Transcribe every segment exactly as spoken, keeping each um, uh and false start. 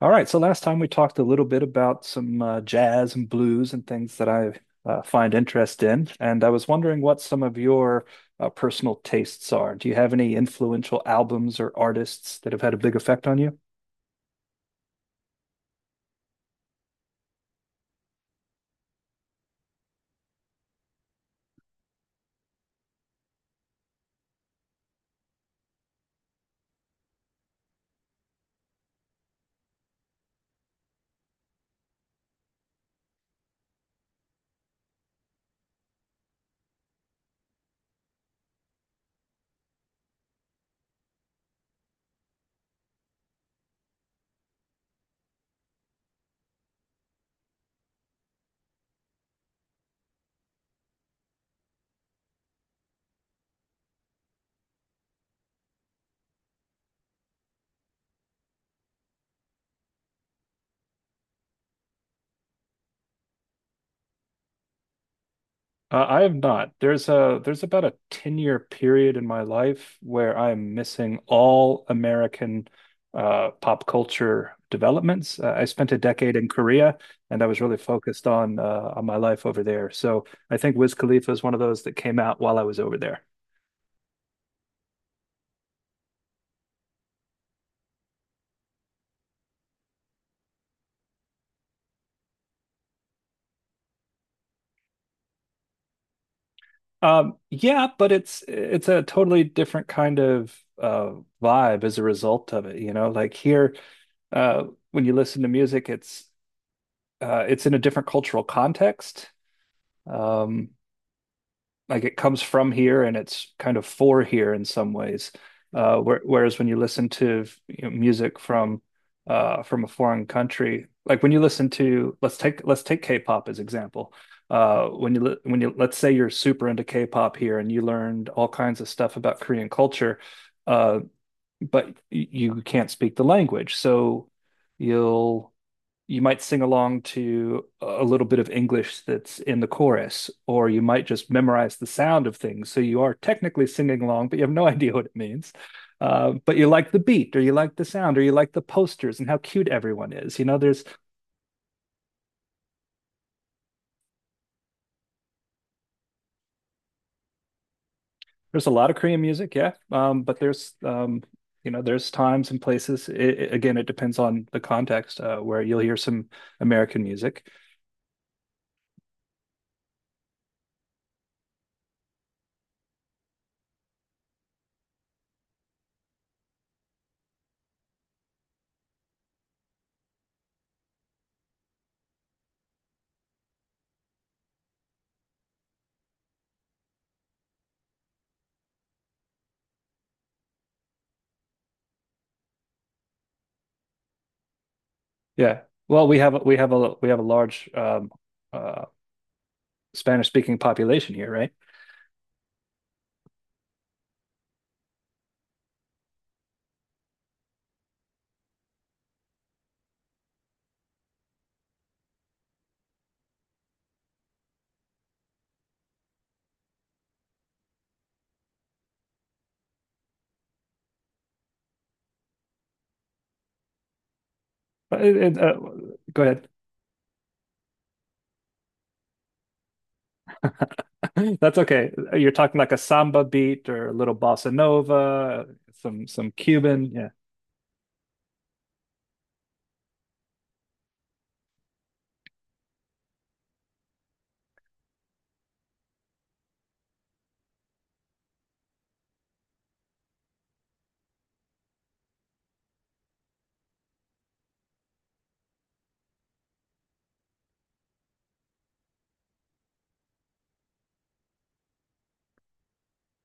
All right, so last time we talked a little bit about some uh, jazz and blues and things that I uh, find interest in, and I was wondering what some of your uh, personal tastes are. Do you have any influential albums or artists that have had a big effect on you? Uh, I have not. There's a there's about a ten year period in my life where I'm missing all American uh, pop culture developments. Uh, I spent a decade in Korea, and I was really focused on uh, on my life over there. So I think Wiz Khalifa is one of those that came out while I was over there. Um, yeah, but it's it's a totally different kind of uh vibe as a result of it, you know. Like here, uh, when you listen to music, it's uh, it's in a different cultural context. Um, like it comes from here and it's kind of for here in some ways. Uh, where, whereas when you listen to you know, music from uh, from a foreign country, like when you listen to let's take let's take K-pop as example. Uh, when you li- when you Let's say you're super into K-pop here and you learned all kinds of stuff about Korean culture, uh, but y- you can't speak the language, so you'll you might sing along to a little bit of English that's in the chorus, or you might just memorize the sound of things. So you are technically singing along, but you have no idea what it means. Uh, but you like the beat, or you like the sound, or you like the posters and how cute everyone is. You know, there's there's a lot of Korean music, yeah, um, but there's um, you know there's times and places. It, it- again, it depends on the context uh, where you'll hear some American music. Yeah, well, we have we have a we have a large um, uh, Spanish speaking population here, right? Uh, it- uh, Go ahead. That's okay. You're talking like a samba beat or a little bossa nova, some some Cuban. Yeah.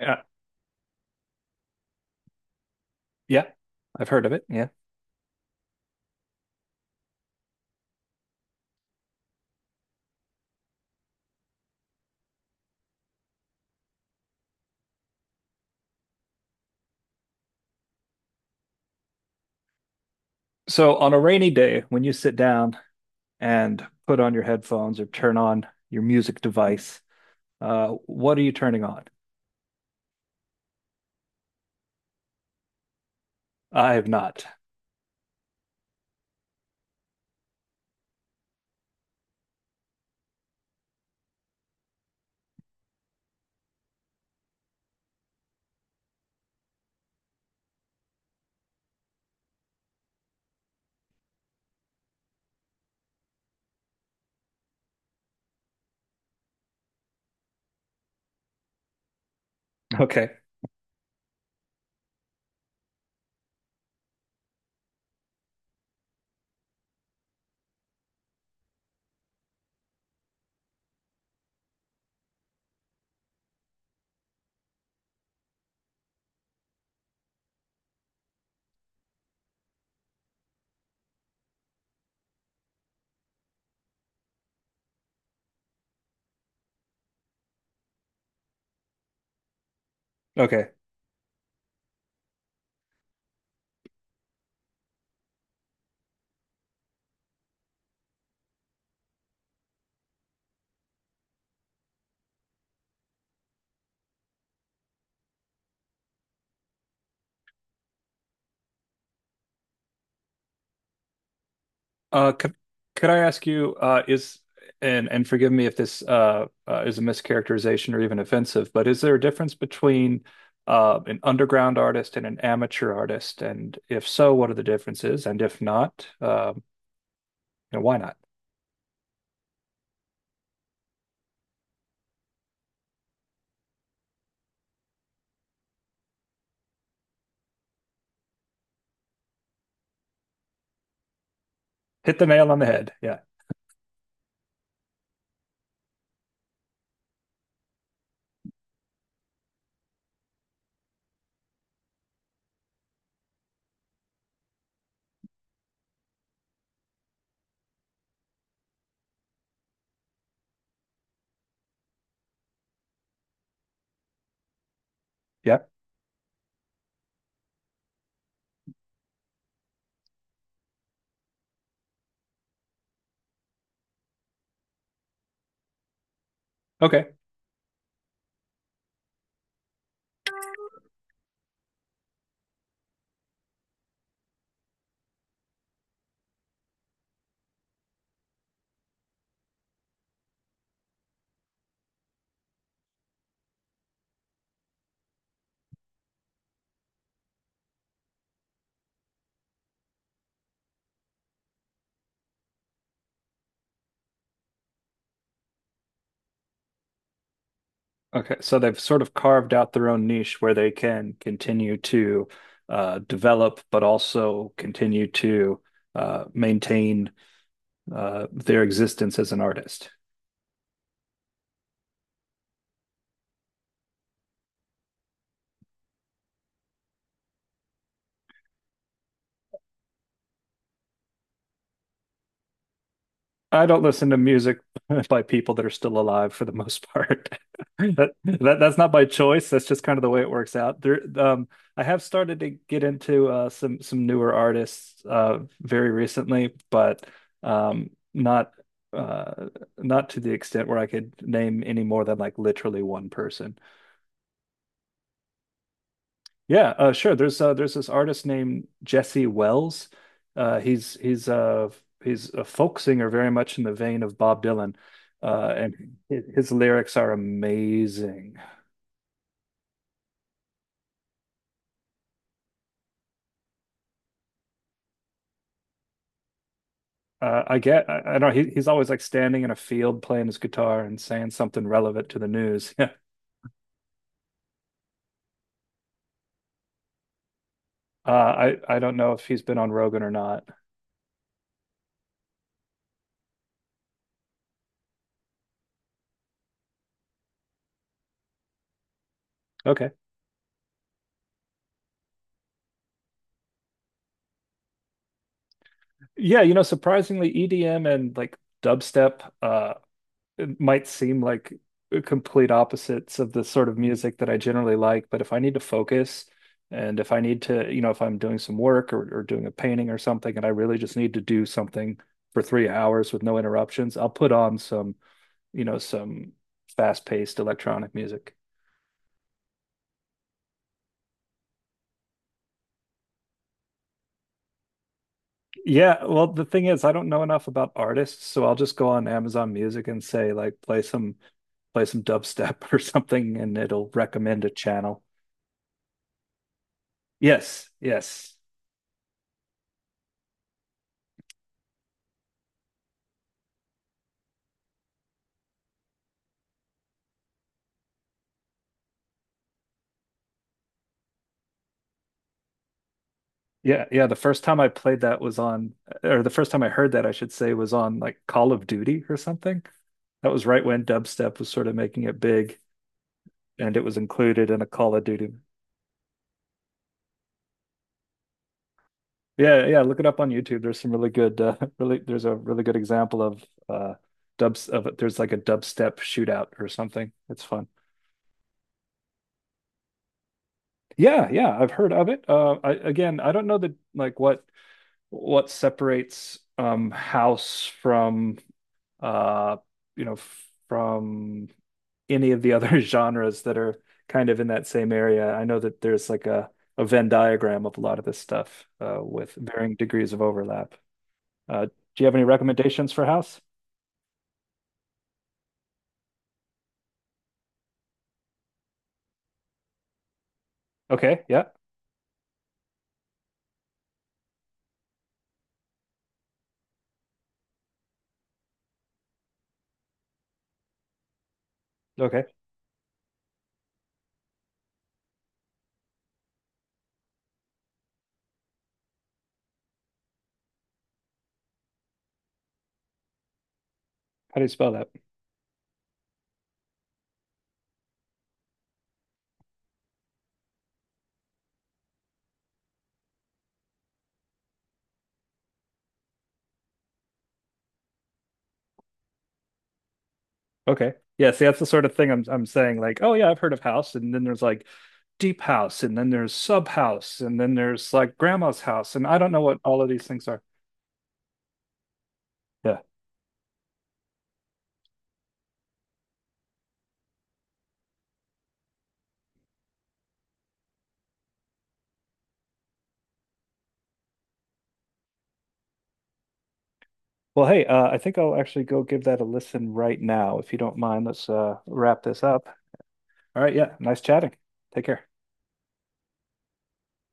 Yeah. Yeah. I've heard of it. Yeah. So on a rainy day, when you sit down and put on your headphones or turn on your music device. Uh, what are you turning on? I have not. Okay. Okay. Uh, could could I ask you, uh, is and and forgive me if this uh, uh is a mischaracterization or even offensive, but is there a difference between uh an underground artist and an amateur artist? And if so, what are the differences? And if not, um, you know, why not? Hit the nail on the head. Yeah. Yeah. Okay. Okay, so they've sort of carved out their own niche where they can continue to uh, develop, but also continue to uh, maintain uh, their existence as an artist. I don't listen to music by people that are still alive for the most part. That, that that's not by choice. That's just kind of the way it works out. There, um, I have started to get into uh, some some newer artists uh, very recently, but um, not uh, not to the extent where I could name any more than like literally one person. Yeah, uh, sure. There's uh, there's this artist named Jesse Wells. Uh, he's he's uh, he's a folk singer, very much in the vein of Bob Dylan, uh, and hi- his lyrics are amazing. Uh, I get, I, I don't know. He, he's always like standing in a field playing his guitar and saying something relevant to the news. Yeah. Uh, I I don't know if he's been on Rogan or not. Okay. Yeah, you know, surprisingly, E D M and like dubstep. Uh, it might seem like complete opposites of the sort of music that I generally like, but if I need to focus and if I need to, you know, if I'm doing some work or, or doing a painting or something and I really just need to do something for three hours with no interruptions, I'll put on some, you know, some fast-paced electronic music. Yeah, well, the thing is, I don't know enough about artists, so I'll just go on Amazon Music and say like play some play some dubstep or something and it'll recommend a channel. Yes, yes. Yeah, yeah, the first time I played that was on or the first time I heard that I should say was on like Call of Duty or something. That was right when dubstep was sort of making it big and it was included in a Call of Duty. Yeah, yeah, look it up on YouTube. There's some really good uh, really there's a really good example of uh dubs of it. There's like a dubstep shootout or something. It's fun. Yeah, yeah, I've heard of it. Uh I again, I don't know that like what what separates um house from uh you know from any of the other genres that are kind of in that same area. I know that there's like a a Venn diagram of a lot of this stuff uh with varying degrees of overlap. Uh, do you have any recommendations for house? Okay, yeah, okay. How do you spell that? Okay, yeah. See, that's the sort of thing I'm I'm saying. Like, oh yeah, I've heard of house, and then there's like deep house, and then there's sub house, and then there's like grandma's house, and I don't know what all of these things are. Yeah. Well, hey, uh, I think I'll actually go give that a listen right now, if you don't mind. Let's uh, wrap this up. All right, yeah. Nice chatting. Take care.